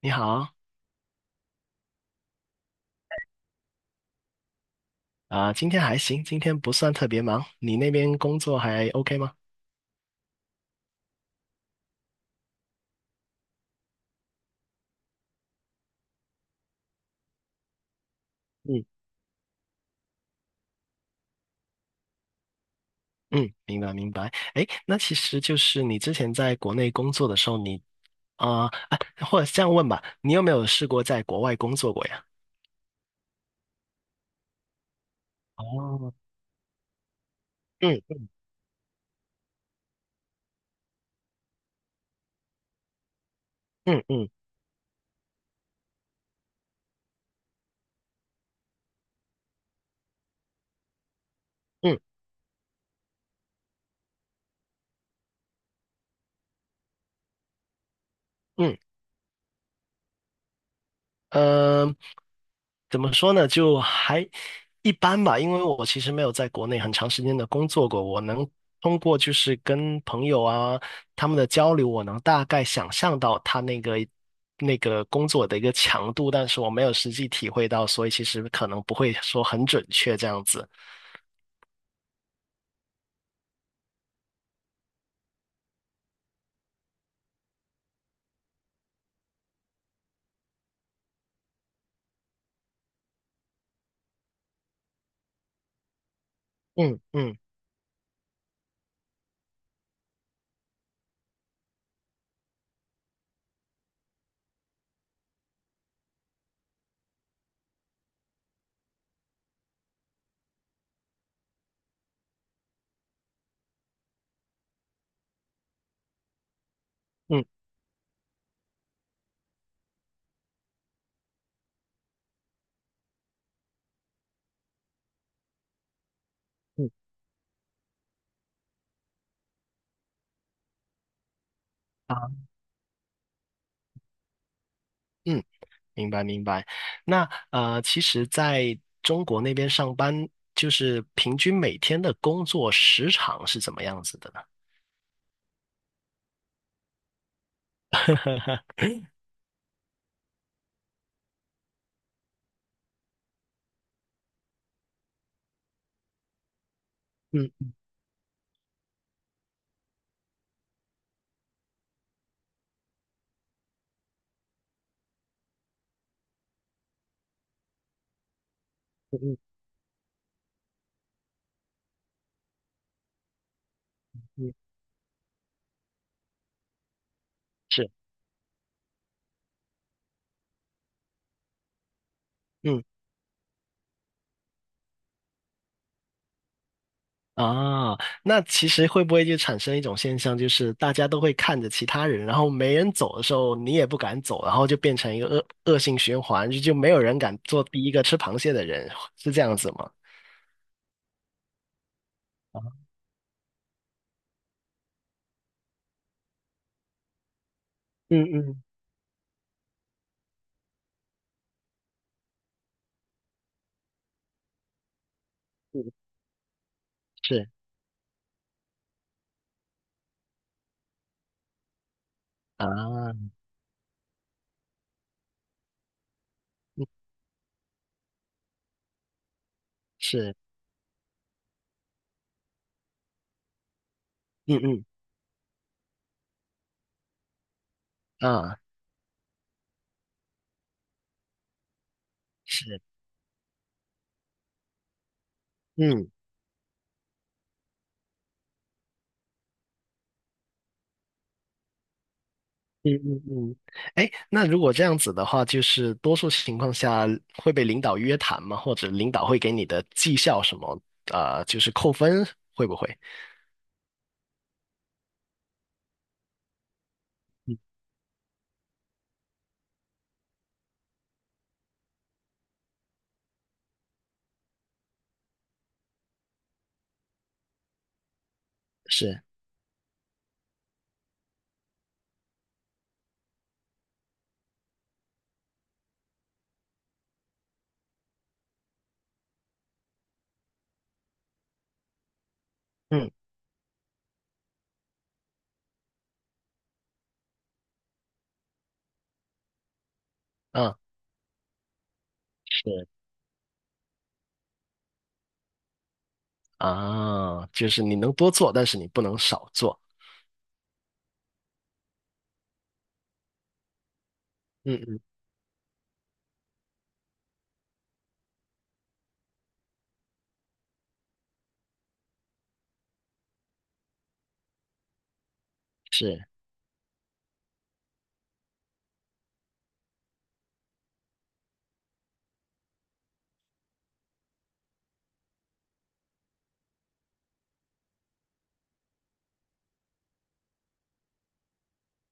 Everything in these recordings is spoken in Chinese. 你好，啊、今天还行，今天不算特别忙。你那边工作还 OK 吗？嗯嗯，明白明白。哎，那其实就是你之前在国内工作的时候你，啊啊，或者这样问吧，你有没有试过在国外工作过呀？哦，嗯嗯嗯嗯嗯，嗯、怎么说呢？就还一般吧，因为我其实没有在国内很长时间的工作过，我能通过就是跟朋友啊他们的交流，我能大概想象到他那个工作的一个强度，但是我没有实际体会到，所以其实可能不会说很准确这样子。嗯嗯嗯嗯啊嗯。明白明白。那其实在中国那边上班，就是平均每天的工作时长是怎么样子的呢？嗯嗯嗯嗯，是，嗯啊，那其实会不会就产生一种现象，就是大家都会看着其他人，然后没人走的时候，你也不敢走，然后就变成一个恶性循环，就没有人敢做第一个吃螃蟹的人，是这样子吗？啊，嗯嗯嗯，是啊，嗯是，嗯嗯啊，是，嗯。嗯嗯嗯，哎，那如果这样子的话，就是多数情况下会被领导约谈吗？或者领导会给你的绩效什么，就是扣分，会不会？嗯，是，嗯嗯，是啊，就是你能多做，但是你不能少做。嗯嗯，是，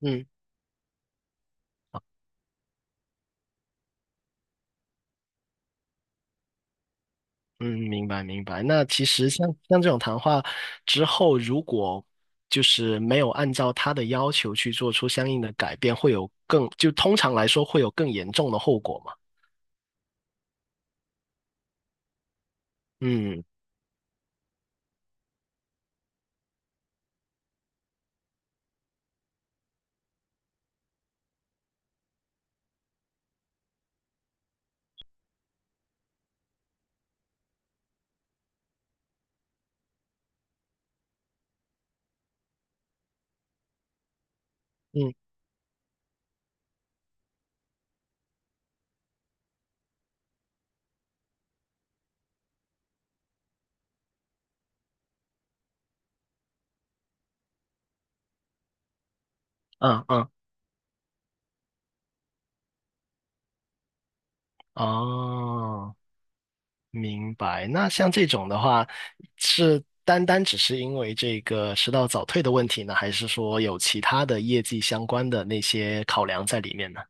嗯嗯，明白明白。那其实像这种谈话之后，如果就是没有按照他的要求去做出相应的改变，会有就通常来说会有更严重的后果嘛？嗯嗯嗯嗯，哦，明白。那像这种的话，是单单只是因为这个迟到早退的问题呢，还是说有其他的业绩相关的那些考量在里面呢？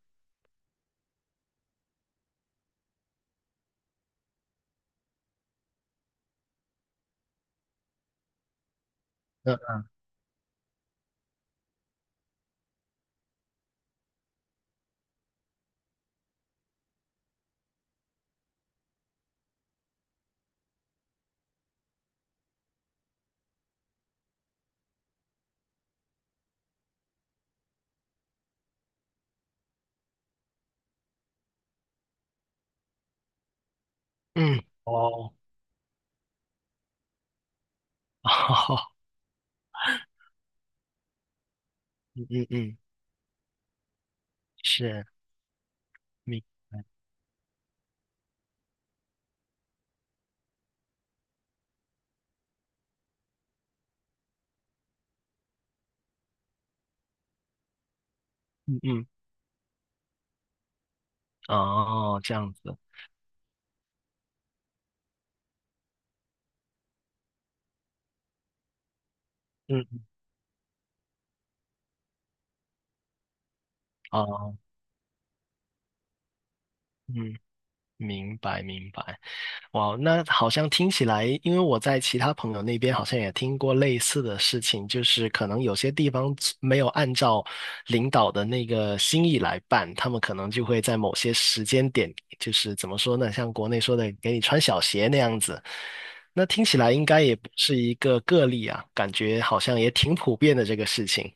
嗯嗯，哦，哦，嗯嗯，是，明，嗯嗯，哦，这样子，嗯，哦，嗯，明白明白。哇，那好像听起来，因为我在其他朋友那边好像也听过类似的事情，就是可能有些地方没有按照领导的那个心意来办，他们可能就会在某些时间点，就是怎么说呢，像国内说的给你穿小鞋那样子。那听起来应该也不是一个个例啊，感觉好像也挺普遍的这个事情。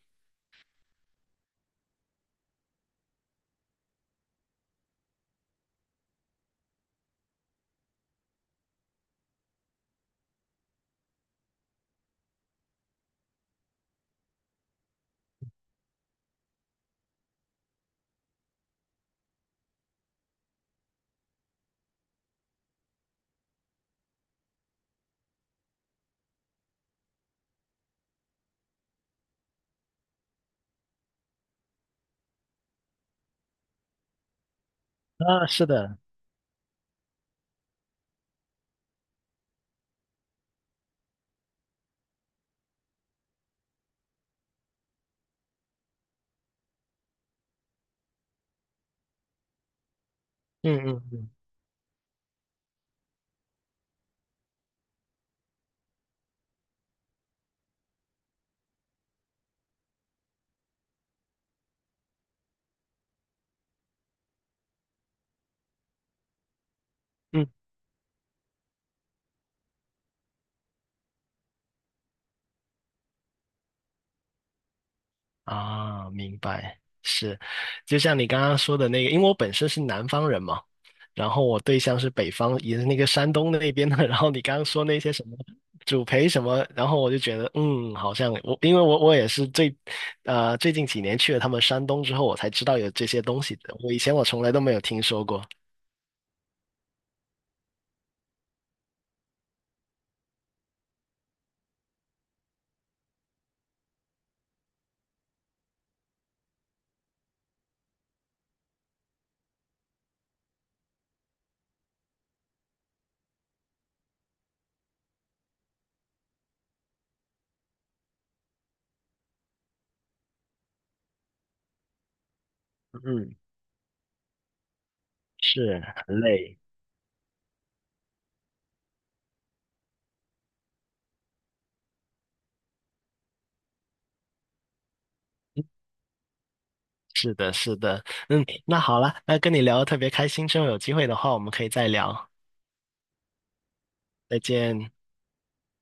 啊，是的，嗯嗯嗯嗯。啊，明白，是，就像你刚刚说的那个，因为我本身是南方人嘛，然后我对象是北方，也是那个山东那边的，然后你刚刚说那些什么主陪什么，然后我就觉得，嗯，好像我，因为我也是最近几年去了他们山东之后，我才知道有这些东西的，我以前我从来都没有听说过。嗯，是，很累。是的，是的，嗯，那好了，那跟你聊得特别开心，之后有机会的话，我们可以再聊，再见。